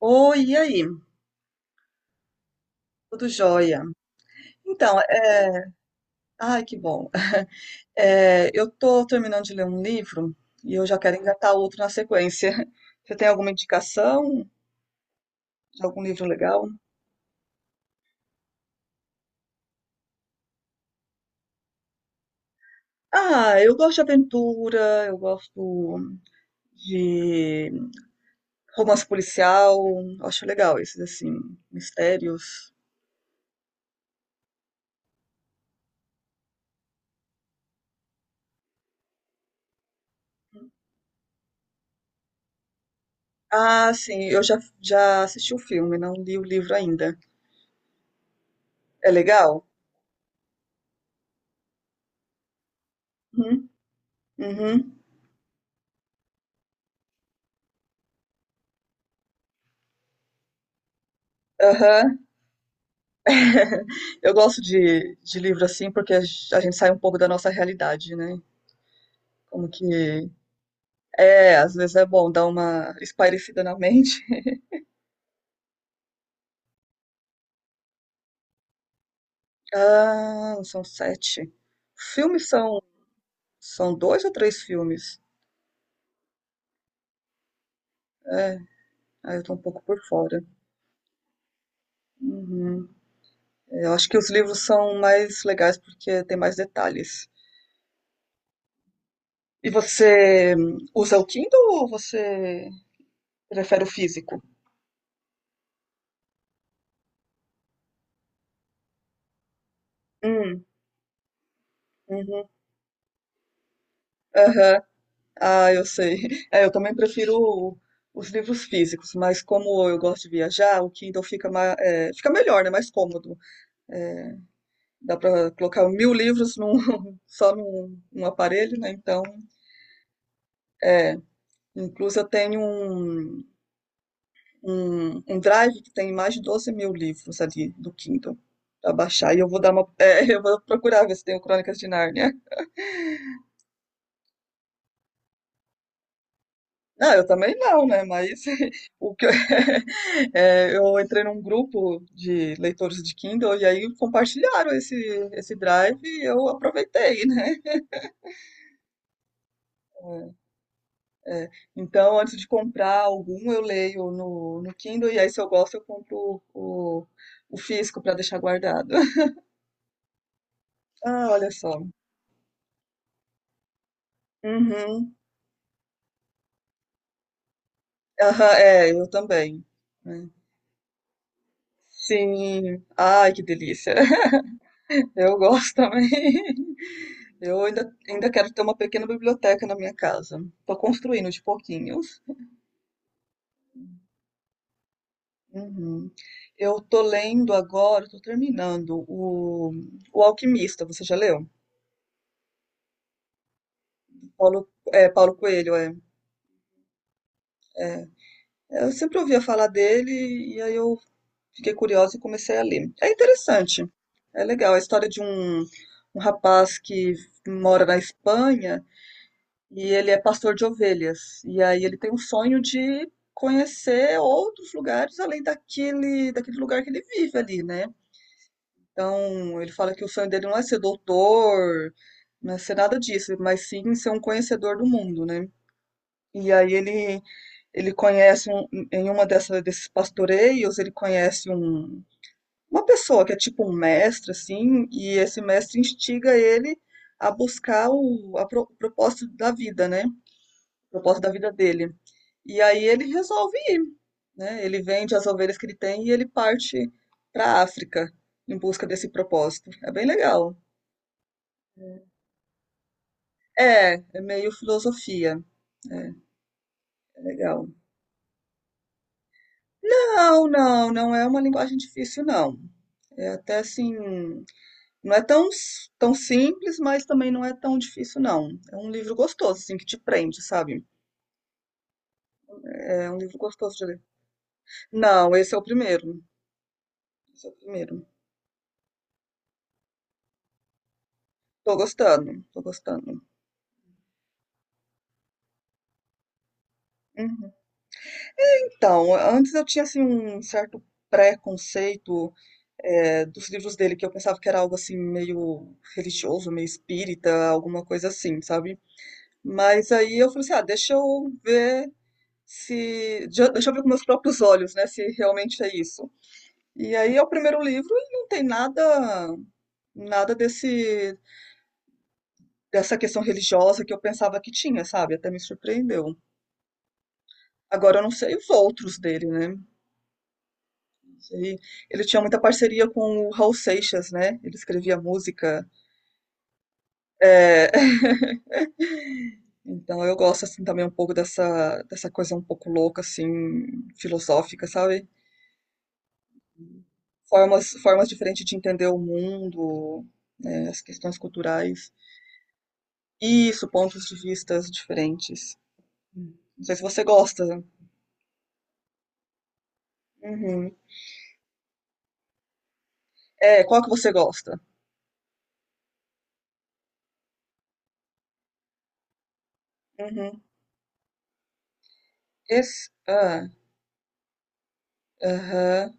Oi, e aí? Tudo jóia? Então, Ai, que bom. É, eu tô terminando de ler um livro e eu já quero engatar outro na sequência. Você tem alguma indicação de algum livro legal? Ah, eu gosto de aventura, eu gosto de romance policial, acho legal esses, assim, mistérios. Ah, sim, eu já assisti o filme, não li o livro ainda. É legal? Uhum, uhum, aham. Eu gosto de livro assim, porque a gente sai um pouco da nossa realidade, né? Como que É, às vezes é bom dar uma espairecida na mente. Ah, são sete. Filmes são dois ou três filmes? É, aí eu tô um pouco por fora. Uhum. Eu acho que os livros são mais legais porque tem mais detalhes. E você usa o Kindle ou você prefere o físico? Hum, uhum, aham. Ah, eu sei. É, eu também prefiro os livros físicos, mas como eu gosto de viajar, o Kindle fica melhor, né? Mais cômodo. É, dá para colocar mil livros só num aparelho, né? Então, é, incluso eu tenho um drive que tem mais de 12.000 livros ali do Kindle para baixar. E eu vou dar uma, Eu vou procurar ver se tem o Crônicas de Nárnia. Não, eu também não, né? Mas o que eu, eu entrei num grupo de leitores de Kindle e aí compartilharam esse drive e eu aproveitei, né? É, é, então, antes de comprar algum, eu leio no Kindle e aí, se eu gosto, eu compro o físico para deixar guardado. Ah, olha só. Uhum. Aham, eu também, né? Sim. Ai, que delícia. Eu gosto também. Eu ainda quero ter uma pequena biblioteca na minha casa. Estou construindo de pouquinhos. Uhum. Eu estou lendo agora, estou terminando o Alquimista, você já leu? Paulo Coelho, é. Eu sempre ouvia falar dele e aí eu fiquei curiosa e comecei a ler. É interessante, é legal. É a história de um rapaz que mora na Espanha. E ele é pastor de ovelhas. E aí ele tem um sonho de conhecer outros lugares além daquele lugar que ele vive ali, né? Então, ele fala que o sonho dele não é ser doutor, não é ser nada disso, mas sim ser um conhecedor do mundo, né? E aí ele ele conhece um, em uma dessa, desses pastoreios, ele conhece uma pessoa que é tipo um mestre, assim, e esse mestre instiga ele a buscar o propósito da vida, né? O propósito da vida dele. E aí ele resolve ir, né? Ele vende as ovelhas que ele tem e ele parte para a África em busca desse propósito. É bem legal. É, é meio filosofia. É, legal. Não, não, não é uma linguagem difícil, não. É até assim, não é tão, tão simples, mas também não é tão difícil, não. É um livro gostoso, assim, que te prende, sabe? É um livro gostoso de ler. Não, esse é o primeiro. Esse é o primeiro. Tô gostando, tô gostando. Uhum. Então, antes eu tinha assim um certo preconceito dos livros dele, que eu pensava que era algo assim meio religioso, meio espírita, alguma coisa assim, sabe? Mas aí eu falei assim, ah, deixa eu ver se, de- deixa eu ver com meus próprios olhos, né, se realmente é isso. E aí é o primeiro livro e não tem nada desse dessa questão religiosa que eu pensava que tinha, sabe? Até me surpreendeu. Agora eu não sei os outros dele, né? Sim. Ele tinha muita parceria com o Raul Seixas, né? Ele escrevia música. É, então eu gosto assim também um pouco dessa coisa um pouco louca assim, filosófica, sabe? Formas diferentes de entender o mundo, né, as questões culturais. Isso, pontos de vistas diferentes. Não sei se você gosta. Uhum. É, qual que você gosta? Uhum. Esse, ah, aham.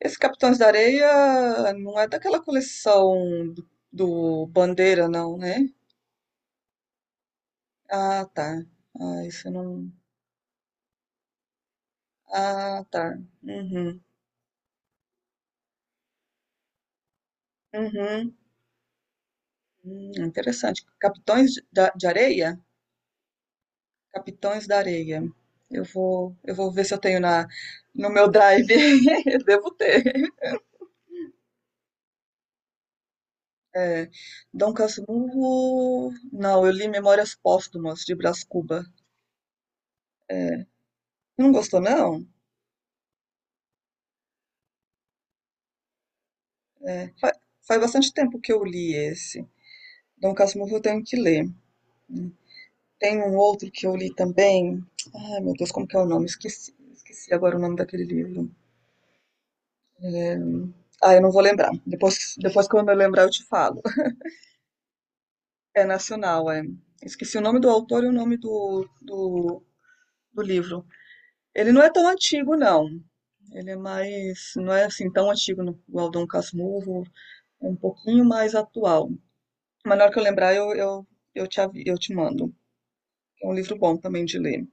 Esse Capitães da Areia não é daquela coleção do Bandeira, não, né? Ah, tá. Ah, isso eu não. Ah, tá. Uhum. Uhum. Interessante. Capitões de Areia? Capitões da Areia. Eu vou ver se eu tenho no meu drive. Eu devo ter. É. Dom Casmurro. Não, eu li Memórias Póstumas de Brás Cuba. Não gostou, não? É. Faz bastante tempo que eu li esse. Dom Casmurro eu tenho que ler. Tem um outro que eu li também. Ai, meu Deus, como que é o nome? Esqueci agora o nome daquele livro. É, Ah, eu não vou lembrar. Depois quando eu lembrar, eu te falo. É nacional, é. Esqueci o nome do autor e o nome do livro. Ele não é tão antigo, não. Ele é mais. Não é assim tão antigo igual Dom Casmurro. É um pouquinho mais atual. Mas na hora que eu lembrar, eu, te, eu te mando. É um livro bom também de ler.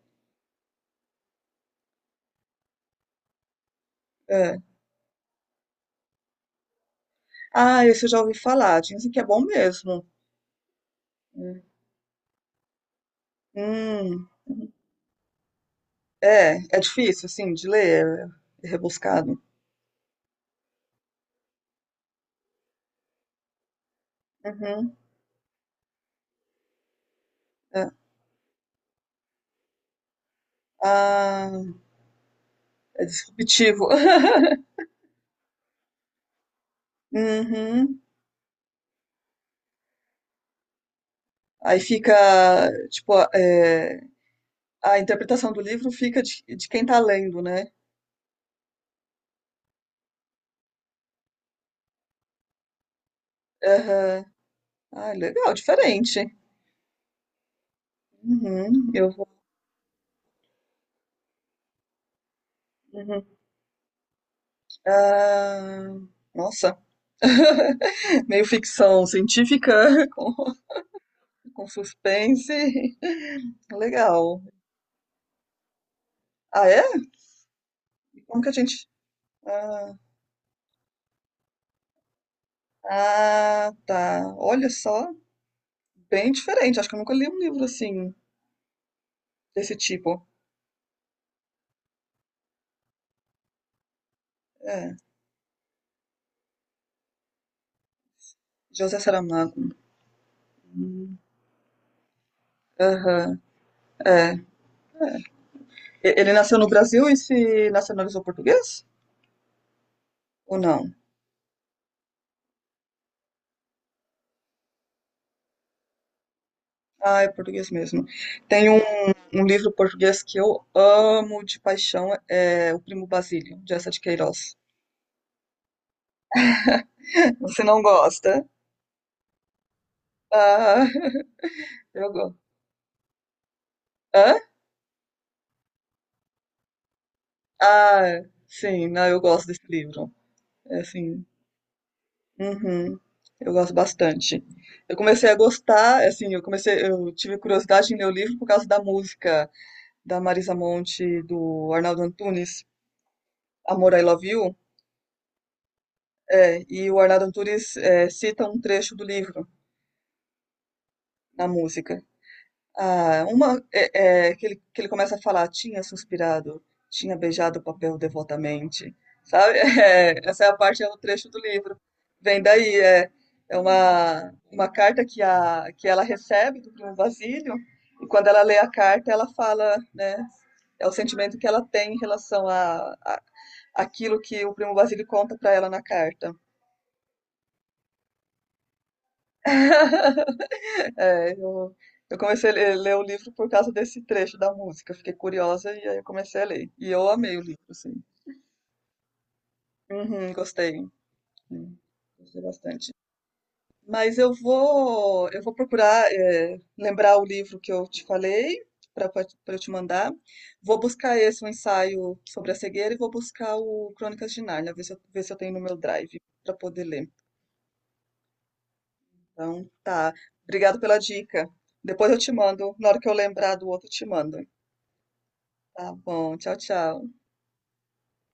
É. Ah, esse eu já ouvi falar, dizem que é bom mesmo. Hum, Hum, é difícil, assim, de ler, é rebuscado. Uhum, é. Ah, é disruptivo. Uhum. Aí fica, tipo, a interpretação do livro fica de quem tá lendo, né? Aham. Ah, legal, diferente. Uhum, eu vou. Uhum. Ah, nossa, meio ficção científica com, com suspense. Legal. Ah, é? Como que a gente. Ah, ah, tá. Olha só, bem diferente. Acho que eu nunca li um livro assim, desse tipo. É. José Saramago. Aham, é. Ele nasceu no Brasil e se nacionalizou português? Ou não? Ah, é português mesmo. Tem um livro português que eu amo de paixão, é O Primo Basílio, de Eça de Queiroz. Você não gosta? Ah, eu gosto. Hã? Ah, sim, não, eu gosto desse livro. É assim, uhum. Eu gosto bastante. Eu comecei a gostar, assim, eu tive curiosidade em ler o livro por causa da música da Marisa Monte, e do Arnaldo Antunes, Amor, I Love You. É, e o Arnaldo Antunes cita um trecho do livro na música. Ah, que ele começa a falar, tinha suspirado, tinha beijado o papel devotamente, sabe? É, essa é a parte, é o trecho do livro. Vem daí, é uma carta que ela recebe do primo Basílio, e quando ela lê a carta, ela fala, né? É o sentimento que ela tem em relação a aquilo que o primo Basílio conta para ela na carta. É, eu comecei a ler o livro por causa desse trecho da música. Eu fiquei curiosa e aí eu comecei a ler. E eu amei o livro, assim. Uhum, gostei. Sim, gostei bastante. Mas eu vou procurar, lembrar o livro que eu te falei para eu te mandar. Vou buscar esse, o ensaio sobre a cegueira, e vou buscar o Crônicas de Nárnia, ver se eu tenho no meu drive para poder ler. Então, tá. Obrigado pela dica. Depois eu te mando, na hora que eu lembrar do outro, eu te mando. Tá bom. Tchau, tchau.